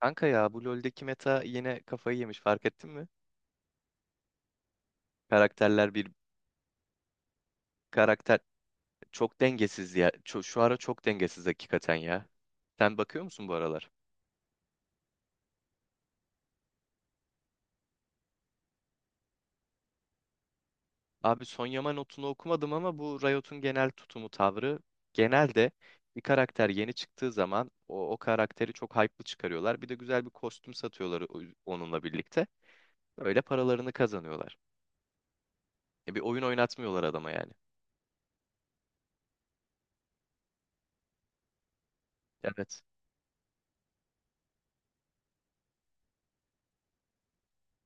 Kanka ya, bu LoL'deki meta yine kafayı yemiş, fark ettin mi? Karakterler bir karakter çok dengesiz ya. Şu ara çok dengesiz hakikaten ya. Sen bakıyor musun bu aralar? Abi Son Yaman notunu okumadım ama bu Riot'un genel tutumu, tavrı, genelde bir karakter yeni çıktığı zaman o karakteri çok hype'lı çıkarıyorlar. Bir de güzel bir kostüm satıyorlar onunla birlikte. Öyle paralarını kazanıyorlar. E, bir oyun oynatmıyorlar adama yani. Evet.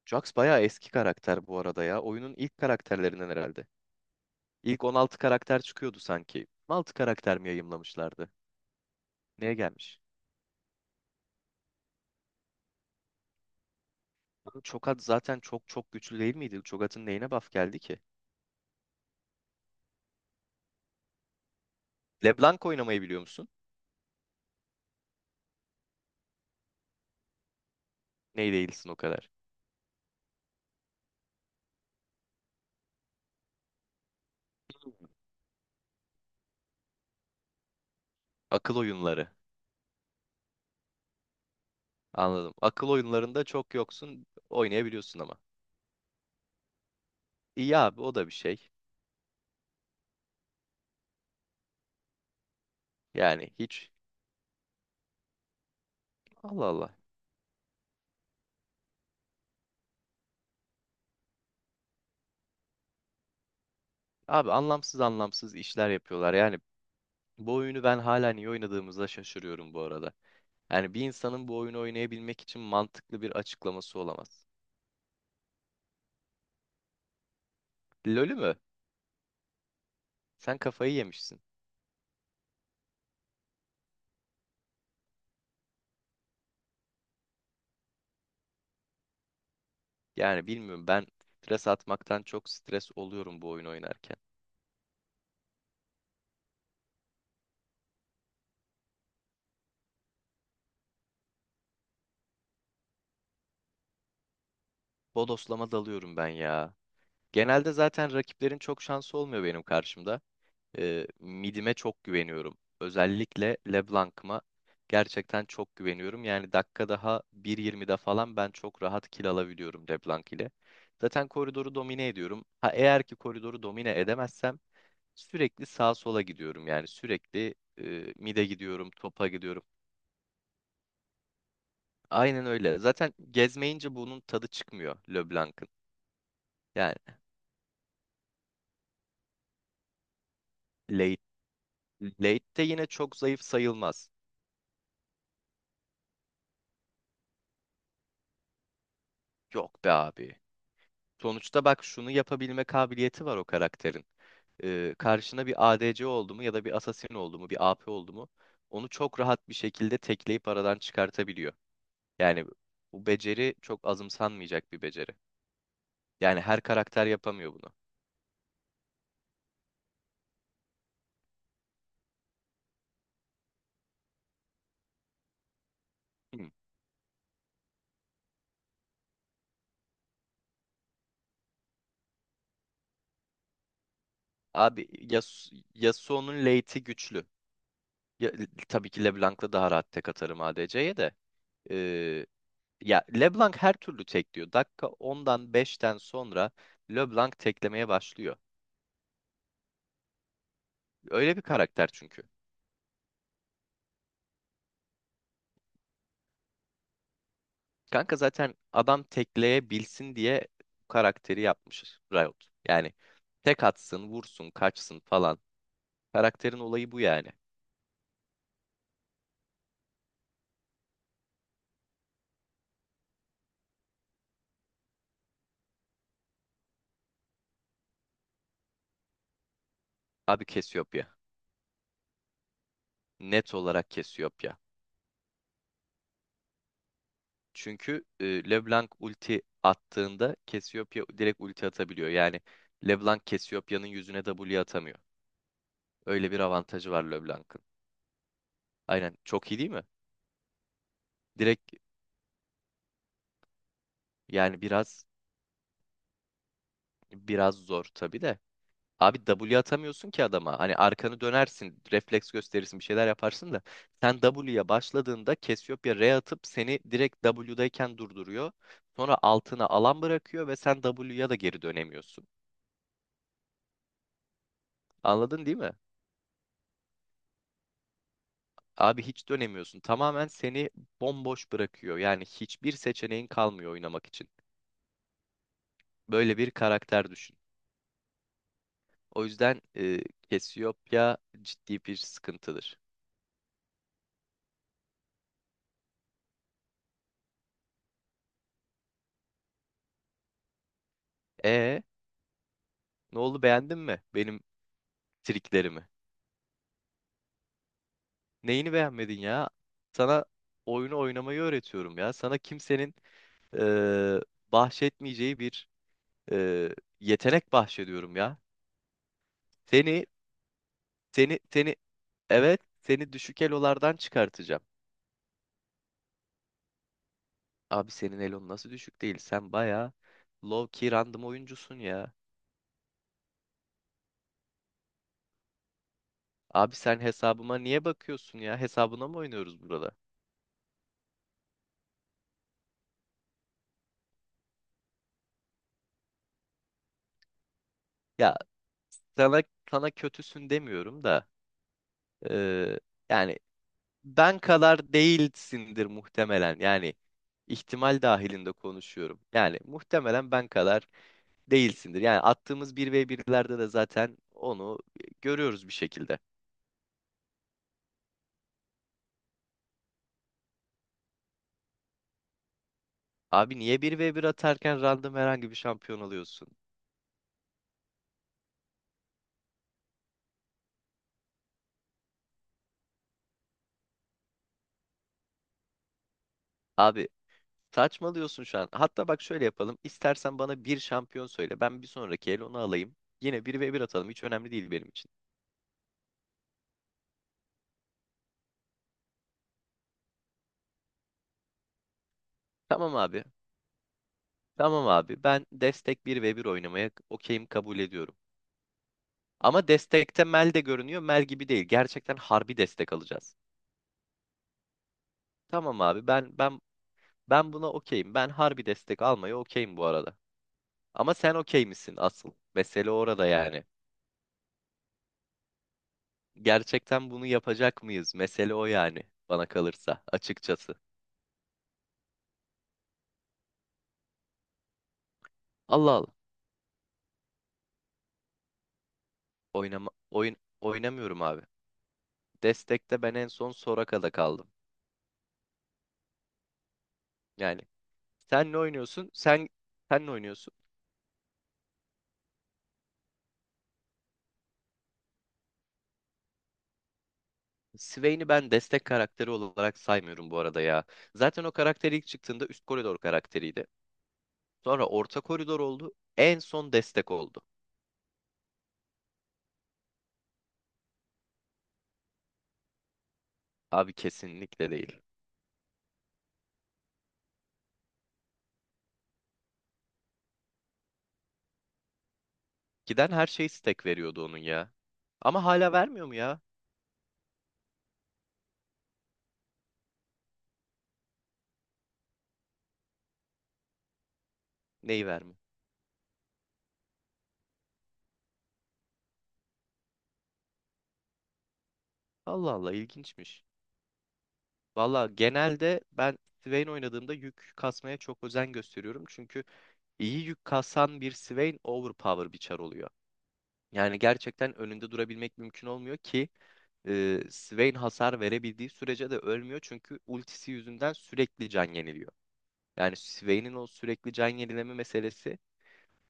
Jax bayağı eski karakter bu arada ya. Oyunun ilk karakterlerinden herhalde. İlk 16 karakter çıkıyordu sanki. 16 karakter mi yayımlamışlardı? Neye gelmiş? Oğlum Çokat zaten çok çok güçlü değil miydi? Çokat'ın neyine buff geldi ki? LeBlanc oynamayı biliyor musun? Ney değilsin o kadar. Akıl oyunları. Anladım. Akıl oyunlarında çok yoksun. Oynayabiliyorsun ama. İyi abi, o da bir şey. Yani hiç. Allah Allah. Abi anlamsız anlamsız işler yapıyorlar. Yani bu oyunu ben hala niye oynadığımıza şaşırıyorum bu arada. Yani bir insanın bu oyunu oynayabilmek için mantıklı bir açıklaması olamaz. LoL'ü mü? Sen kafayı yemişsin. Yani bilmiyorum, ben stres atmaktan çok stres oluyorum bu oyun oynarken. Bodoslama dalıyorum ben ya. Genelde zaten rakiplerin çok şansı olmuyor benim karşımda. Midime çok güveniyorum. Özellikle LeBlanc'ıma gerçekten çok güveniyorum. Yani dakika daha 1.20'de falan ben çok rahat kill alabiliyorum LeBlanc ile. Zaten koridoru domine ediyorum. Ha, eğer ki koridoru domine edemezsem sürekli sağa sola gidiyorum. Yani sürekli mide gidiyorum, topa gidiyorum. Aynen öyle. Zaten gezmeyince bunun tadı çıkmıyor LeBlanc'ın. Yani late, late de yine çok zayıf sayılmaz. Yok be abi. Sonuçta bak, şunu yapabilme kabiliyeti var o karakterin. Karşına bir ADC oldu mu, ya da bir Assassin oldu mu, bir AP oldu mu, onu çok rahat bir şekilde tekleyip aradan çıkartabiliyor. Yani bu beceri çok azımsanmayacak bir beceri. Yani her karakter yapamıyor bunu. Hı. Abi Yasuo'nun late'i güçlü. Ya, tabii ki LeBlanc'la daha rahat tek atarım ADC'ye de. Ee, Ya LeBlanc her türlü tekliyor. Dakika ondan beşten sonra LeBlanc teklemeye başlıyor. Öyle bir karakter çünkü. Kanka zaten adam tekleyebilsin diye bu karakteri yapmış Riot. Yani tek atsın, vursun, kaçsın falan. Karakterin olayı bu yani. Abi Cassiopeia. Net olarak Cassiopeia. Çünkü LeBlanc ulti attığında Cassiopeia direkt ulti atabiliyor. Yani LeBlanc Cassiopeia'nın yüzüne W atamıyor. Öyle bir avantajı var LeBlanc'ın. Aynen, çok iyi değil mi? Direkt. Yani biraz zor tabii de. Abi W atamıyorsun ki adama. Hani arkanı dönersin, refleks gösterirsin, bir şeyler yaparsın da. Sen W'ya başladığında Cassiopeia R atıp seni direkt W'dayken durduruyor. Sonra altına alan bırakıyor ve sen W'ya da geri dönemiyorsun. Anladın değil mi? Abi hiç dönemiyorsun. Tamamen seni bomboş bırakıyor. Yani hiçbir seçeneğin kalmıyor oynamak için. Böyle bir karakter düşün. O yüzden Cassiopeia ciddi bir sıkıntıdır. E, ne oldu, beğendin mi benim triklerimi? Neyini beğenmedin ya? Sana oyunu oynamayı öğretiyorum ya. Sana kimsenin e, bahşetmeyeceği bir e, yetenek bahşediyorum ya. Seni seni seni evet seni düşük elolardan çıkartacağım. Abi senin elon nasıl düşük değil? Sen baya low key random oyuncusun ya. Abi sen hesabıma niye bakıyorsun ya? Hesabına mı oynuyoruz burada? Ya, sana sana kötüsün demiyorum da, eee, yani, ben kadar değilsindir muhtemelen. Yani ihtimal dahilinde konuşuyorum. Yani muhtemelen ben kadar değilsindir. Yani attığımız bir ve birlerde de zaten onu görüyoruz bir şekilde. Abi niye bir ve bir atarken random herhangi bir şampiyon alıyorsun? Abi saçmalıyorsun şu an. Hatta bak, şöyle yapalım. İstersen bana bir şampiyon söyle. Ben bir sonraki el onu alayım. Yine bir ve bir atalım. Hiç önemli değil benim için. Tamam abi. Tamam abi. Ben destek bir ve bir oynamaya okeyim, kabul ediyorum. Ama destekte Mel de görünüyor. Mel gibi değil. Gerçekten harbi destek alacağız. Tamam abi. Ben buna okeyim. Ben harbi destek almaya okeyim bu arada. Ama sen okey misin asıl? Mesele orada yani. Gerçekten bunu yapacak mıyız? Mesele o yani, bana kalırsa açıkçası. Allah Allah. Oynamıyorum abi. Destekte ben en son Soraka'da kaldım. Yani sen ne oynuyorsun? Sen ne oynuyorsun? Swain'i ben destek karakteri olarak saymıyorum bu arada ya. Zaten o karakter ilk çıktığında üst koridor karakteriydi. Sonra orta koridor oldu. En son destek oldu. Abi kesinlikle değil. Giden her şey stack veriyordu onun ya. Ama hala vermiyor mu ya? Neyi vermiyor? Allah Allah, ilginçmiş. Valla genelde ben Swain oynadığımda yük kasmaya çok özen gösteriyorum. Çünkü iyi yük kasan bir Swain overpower bir çar oluyor. Yani gerçekten önünde durabilmek mümkün olmuyor ki, Swain hasar verebildiği sürece de ölmüyor. Çünkü ultisi yüzünden sürekli can yeniliyor. Yani Swain'in o sürekli can yenileme meselesi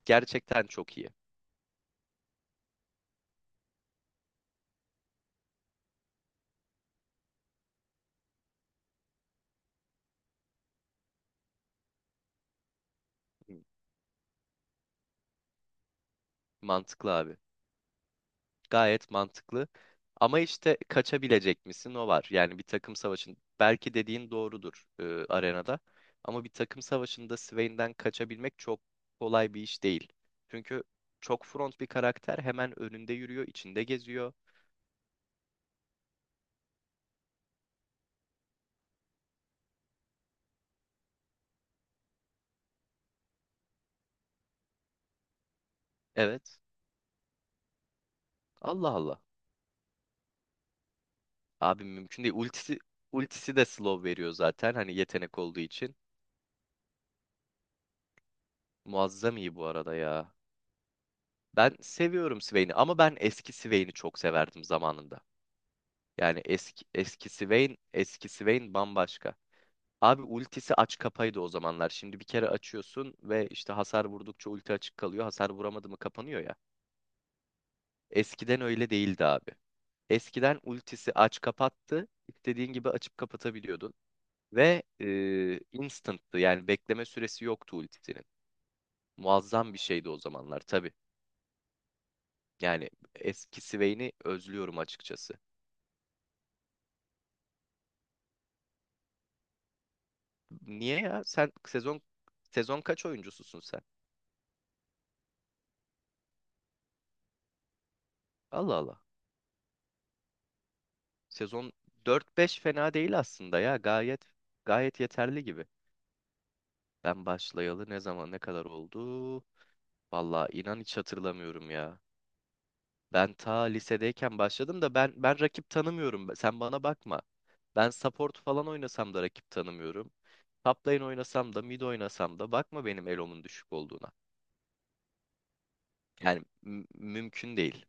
gerçekten çok iyi. Hı. Mantıklı abi. Gayet mantıklı. Ama işte kaçabilecek misin, o var. Yani bir takım savaşın belki dediğin doğrudur arenada. Ama bir takım savaşında Swain'den kaçabilmek çok kolay bir iş değil. Çünkü çok front bir karakter hemen önünde yürüyor, içinde geziyor. Evet. Allah Allah. Abi mümkün değil. Ultisi de slow veriyor zaten hani, yetenek olduğu için. Muazzam iyi bu arada ya. Ben seviyorum Swain'i ama ben eski Swain'i çok severdim zamanında. Yani eski eskisi Vayne, eskisi Vayne bambaşka. Abi ultisi aç kapaydı o zamanlar. Şimdi bir kere açıyorsun ve işte hasar vurdukça ulti açık kalıyor. Hasar vuramadı mı kapanıyor ya. Eskiden öyle değildi abi. Eskiden ultisi aç kapattı. İstediğin gibi açıp kapatabiliyordun. Ve instant'tı, yani bekleme süresi yoktu ultisinin. Muazzam bir şeydi o zamanlar tabii. Yani eskisi Vayne'i özlüyorum açıkçası. Niye ya? Sen sezon kaç oyuncususun sen? Allah Allah. Sezon dört beş fena değil aslında ya. Gayet yeterli gibi. Ben başlayalı ne zaman, ne kadar oldu? Vallahi inan hiç hatırlamıyorum ya. Ben ta lisedeyken başladım da ben rakip tanımıyorum. Sen bana bakma. Ben support falan oynasam da rakip tanımıyorum. Top lane oynasam da mid oynasam da bakma benim elomun düşük olduğuna. Yani mümkün değil.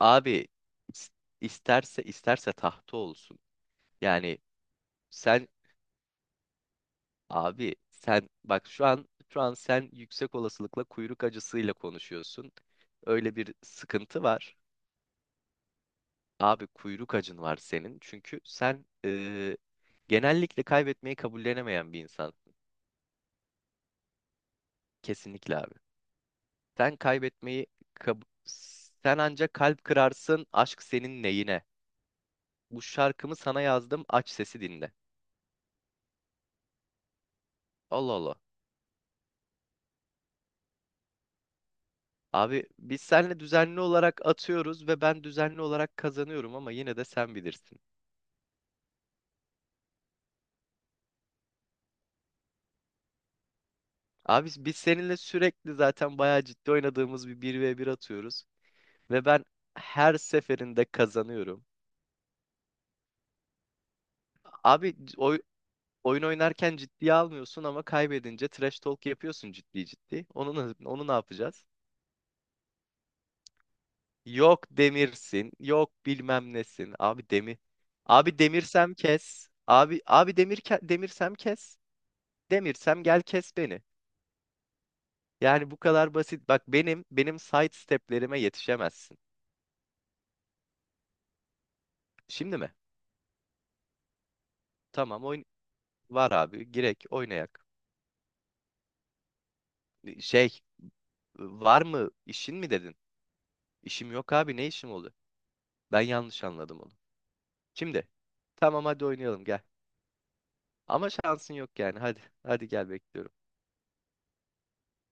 Abi is- isterse tahta olsun. Yani sen Abi sen bak, şu an sen yüksek olasılıkla kuyruk acısıyla konuşuyorsun. Öyle bir sıkıntı var. Abi kuyruk acın var senin. Çünkü sen genellikle kaybetmeyi kabullenemeyen bir insan. Kesinlikle abi. Sen kaybetmeyi kab- sen ancak kalp kırarsın, aşk senin neyine. Bu şarkımı sana yazdım, aç sesi dinle. Allah Allah. Abi biz seninle düzenli olarak atıyoruz ve ben düzenli olarak kazanıyorum, ama yine de sen bilirsin. Abi biz seninle sürekli zaten bayağı ciddi oynadığımız bir 1 ve bir atıyoruz. Ve ben her seferinde kazanıyorum. Abi oyun oynarken ciddiye almıyorsun ama kaybedince trash talk yapıyorsun ciddi ciddi. Onu ne yapacağız? Yok demirsin, yok bilmem nesin. Abi demir. Abi demirsem kes. Abi demirsem kes. Demirsem gel, kes beni. Yani bu kadar basit. Bak, benim side steplerime yetişemezsin. Şimdi mi? Tamam. Var abi. Girek oynayak. Şey Var mı işin mi dedin? İşim yok abi, ne işim oldu? Ben yanlış anladım onu. Şimdi tamam, hadi oynayalım gel. Ama şansın yok yani, hadi. Hadi gel, bekliyorum.